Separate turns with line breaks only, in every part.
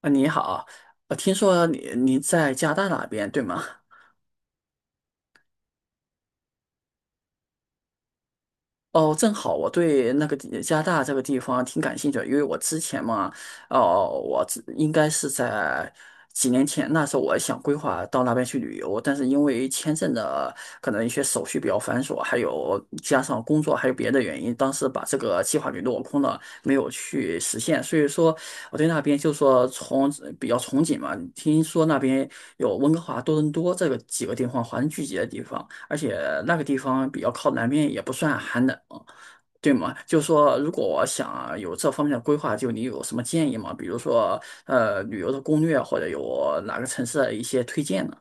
啊，你好，听说你在加拿大那边对吗？哦，正好我对那个地加拿大这个地方挺感兴趣的，因为我之前嘛，哦，应该是在几年前，那时候我想规划到那边去旅游，但是因为签证的可能一些手续比较繁琐，还有加上工作还有别的原因，当时把这个计划给落空了，没有去实现。所以说，我对那边就说从比较憧憬嘛，听说那边有温哥华、多伦多这个几个地方，华人聚集的地方。而且那个地方比较靠南边，也不算寒冷，对吗？就是说，如果我想有这方面的规划，就你有什么建议吗？比如说，旅游的攻略，或者有哪个城市的一些推荐呢？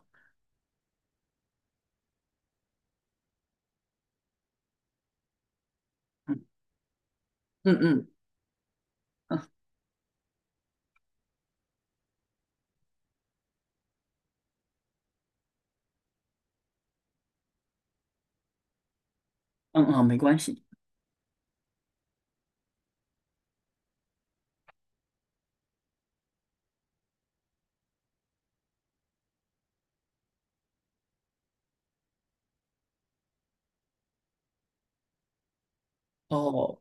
嗯嗯嗯嗯嗯，没关系。哦，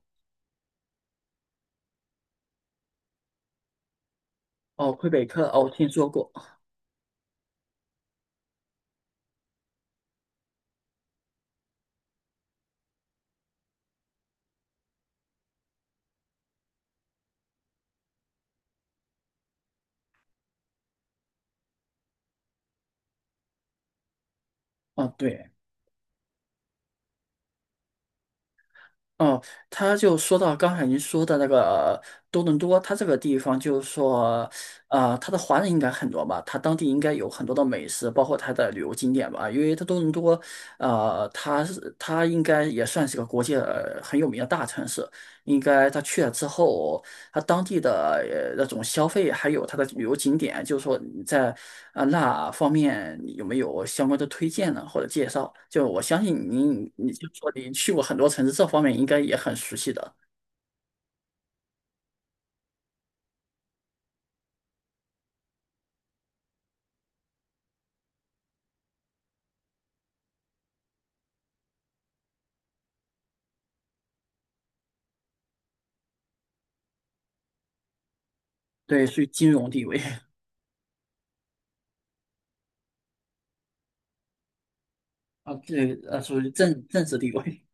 哦，魁北克，哦，我听说过。哦，对。哦，他就说到刚才您说的那个多伦多，它这个地方就是说，呃，它的华人应该很多吧，它当地应该有很多的美食，包括它的旅游景点吧，因为它多伦多，呃，它应该也算是个国际很有名的大城市，应该他去了之后。它当地的那种消费，还有它的旅游景点，就是说你在那方面你有没有相关的推荐呢，或者介绍？就我相信您，你就说您去过很多城市，这方面应该也很熟悉的。对，属于金融地位。 啊，对，属于政治地位。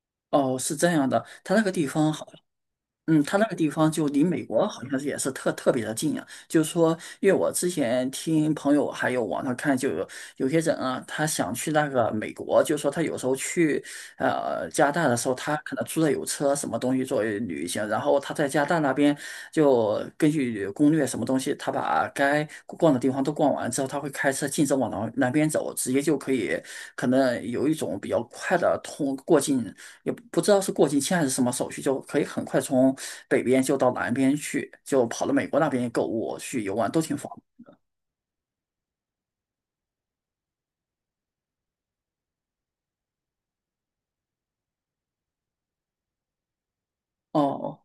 哦，是这样的，它那个地方好。嗯，他那个地方就离美国好像是也是特别的近啊。就是说，因为我之前听朋友还有网上看，就有有些人啊，他想去那个美国，就是说他有时候去加拿大的时候，他可能租的有车什么东西作为旅行，然后他在加拿大那边就根据攻略什么东西，他把该逛的地方都逛完之后，他会开车径直往南边走，直接就可以可能有一种比较快的通过境，也不知道是过境签还是什么手续，就可以很快从北边就到南边去，就跑到美国那边购物去游玩都挺方便。哦，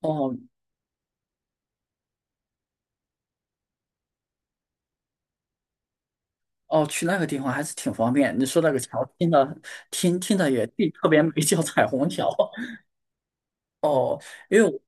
哦哦，去那个地方还是挺方便。你说那个桥，听的也挺特别美，叫彩虹桥。哦，因为我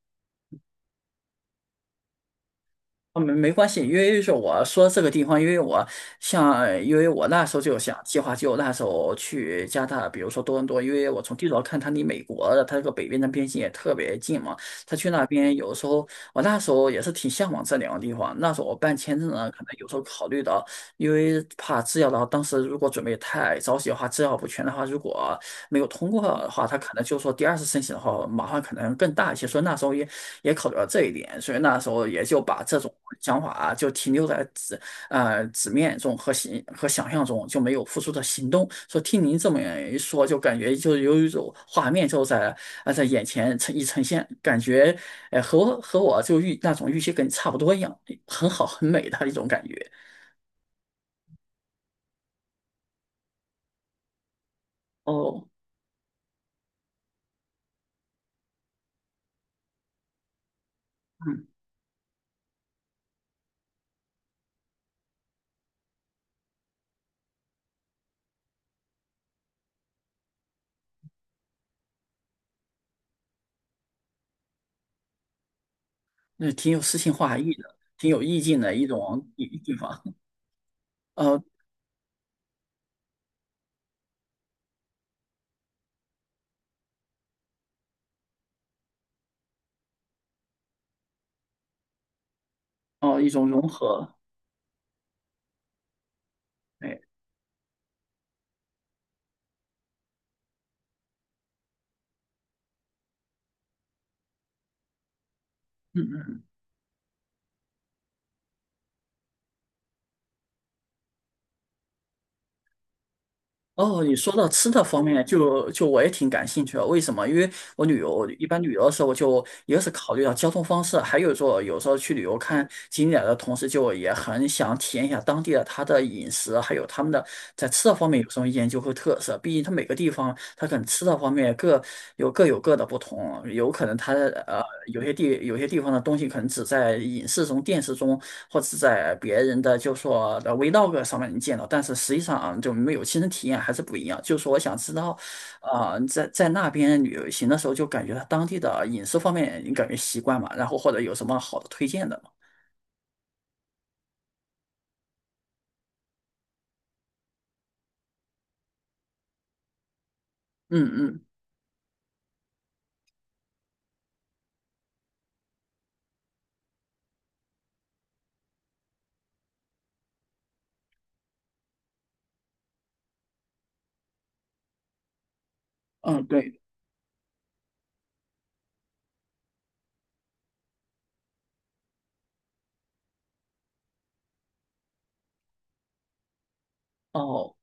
啊，没关系，因为是我说这个地方，因为我像，因为我那时候就想计划，就那时候去加拿大，比如说多伦多，因为我从地图上看，它离美国的它这个北边的边境也特别近嘛。他去那边有时候，我那时候也是挺向往这两个地方。那时候我办签证呢，可能有时候考虑到因为怕制药的话，当时如果准备太着急的话，制药不全的话，如果没有通过的话，他可能就说第二次申请的话，麻烦可能更大一些。所以那时候也也考虑到这一点，所以那时候也就把这种想法啊就停留在纸面中和想象中，就没有付出的行动。说听您这么一说，就感觉就有一种画面就在在眼前呈现，感觉和我和我就那种预期跟你差不多一样，很好很美的一种感觉。哦，嗯，那挺有诗情画意的，挺有意境的一种地方。呃哦，一种融合。哎，嗯嗯。哦，你说到吃的方面，就我也挺感兴趣的。为什么？因为我旅游，一般旅游的时候，我就一个是考虑到交通方式，还有说有时候去旅游看景点的同时，就也很想体验一下当地的它的饮食，还有他们的在吃的方面有什么研究和特色。毕竟它每个地方它可能吃的方面各有各有各的不同，有可能它的有些地方的东西可能只在影视中、电视中，或者是在别人的就说的 vlog 上面能见到，但是实际上啊就没有亲身体验还是不一样。就是说我想知道在那边旅行的时候，就感觉他当地的饮食方面，你感觉习惯嘛？然后或者有什么好的推荐的吗？嗯嗯嗯，对，哦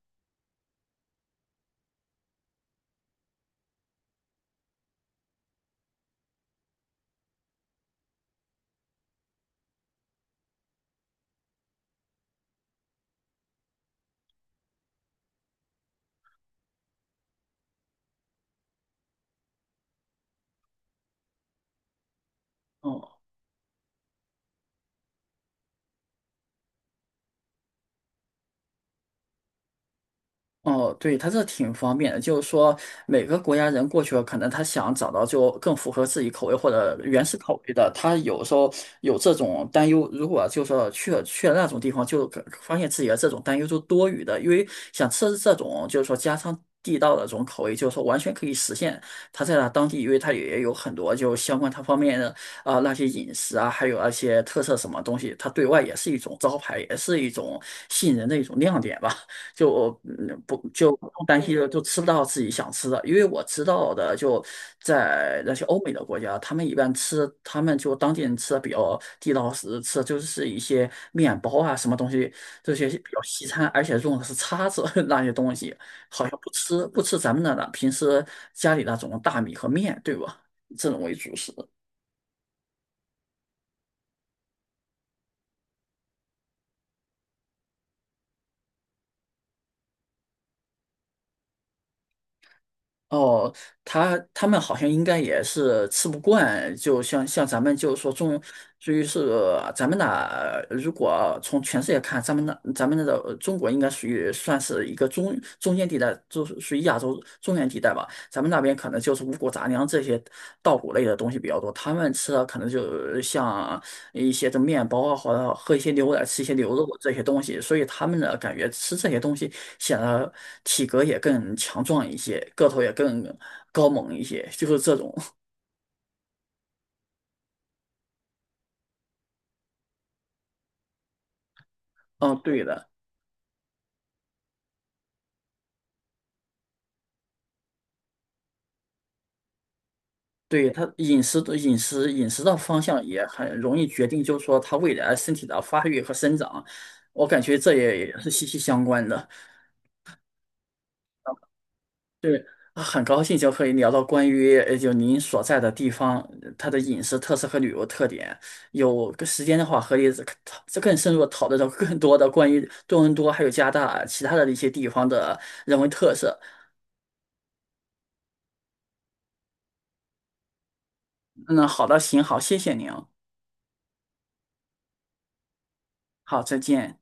哦。哦，对，它这挺方便的，就是说每个国家人过去了，可能他想找到就更符合自己口味或者原始口味的，他有时候有这种担忧。如果就说去了那种地方，就可发现自己的这种担忧就多余的，因为想吃这种就是说家常地道的这种口味，就是说完全可以实现。他在那当地，因为他也有很多就相关他方面的那些饮食啊，还有那些特色什么东西，他对外也是一种招牌，也是一种吸引人的一种亮点吧。就不担心就吃不到自己想吃的，因为我知道的，就在那些欧美的国家，他们一般吃，他们就当地人吃的比较地道是吃的就是一些面包啊什么东西，这些比较西餐，而且用的是叉子 那些东西，好像不吃咱们那的了，平时家里那种大米和面，对吧？这种为主食。哦，他他们好像应该也是吃不惯，就像咱们就是说中，至于是咱们那，如果从全世界看，咱们那个中国应该属于算是一个中间地带，就是属于亚洲中原地带吧。咱们那边可能就是五谷杂粮这些稻谷类的东西比较多，他们吃的可能就像一些这面包啊，或者喝一些牛奶、吃一些牛肉这些东西，所以他们呢感觉吃这些东西显得体格也更强壮一些，个头也更高猛一些，就是这种。嗯，对的，对他饮食的饮食的方向也很容易决定，就是说他未来身体的发育和生长，我感觉这也是息息相关的。是啊，很高兴就可以聊到关于就您所在的地方，呃它的饮食特色和旅游特点。有个时间的话，可以再更深入地讨论到更多的关于多伦多还有加拿大其他的一些地方的人文特色。嗯，好的，行，好，谢谢您哦，好，再见。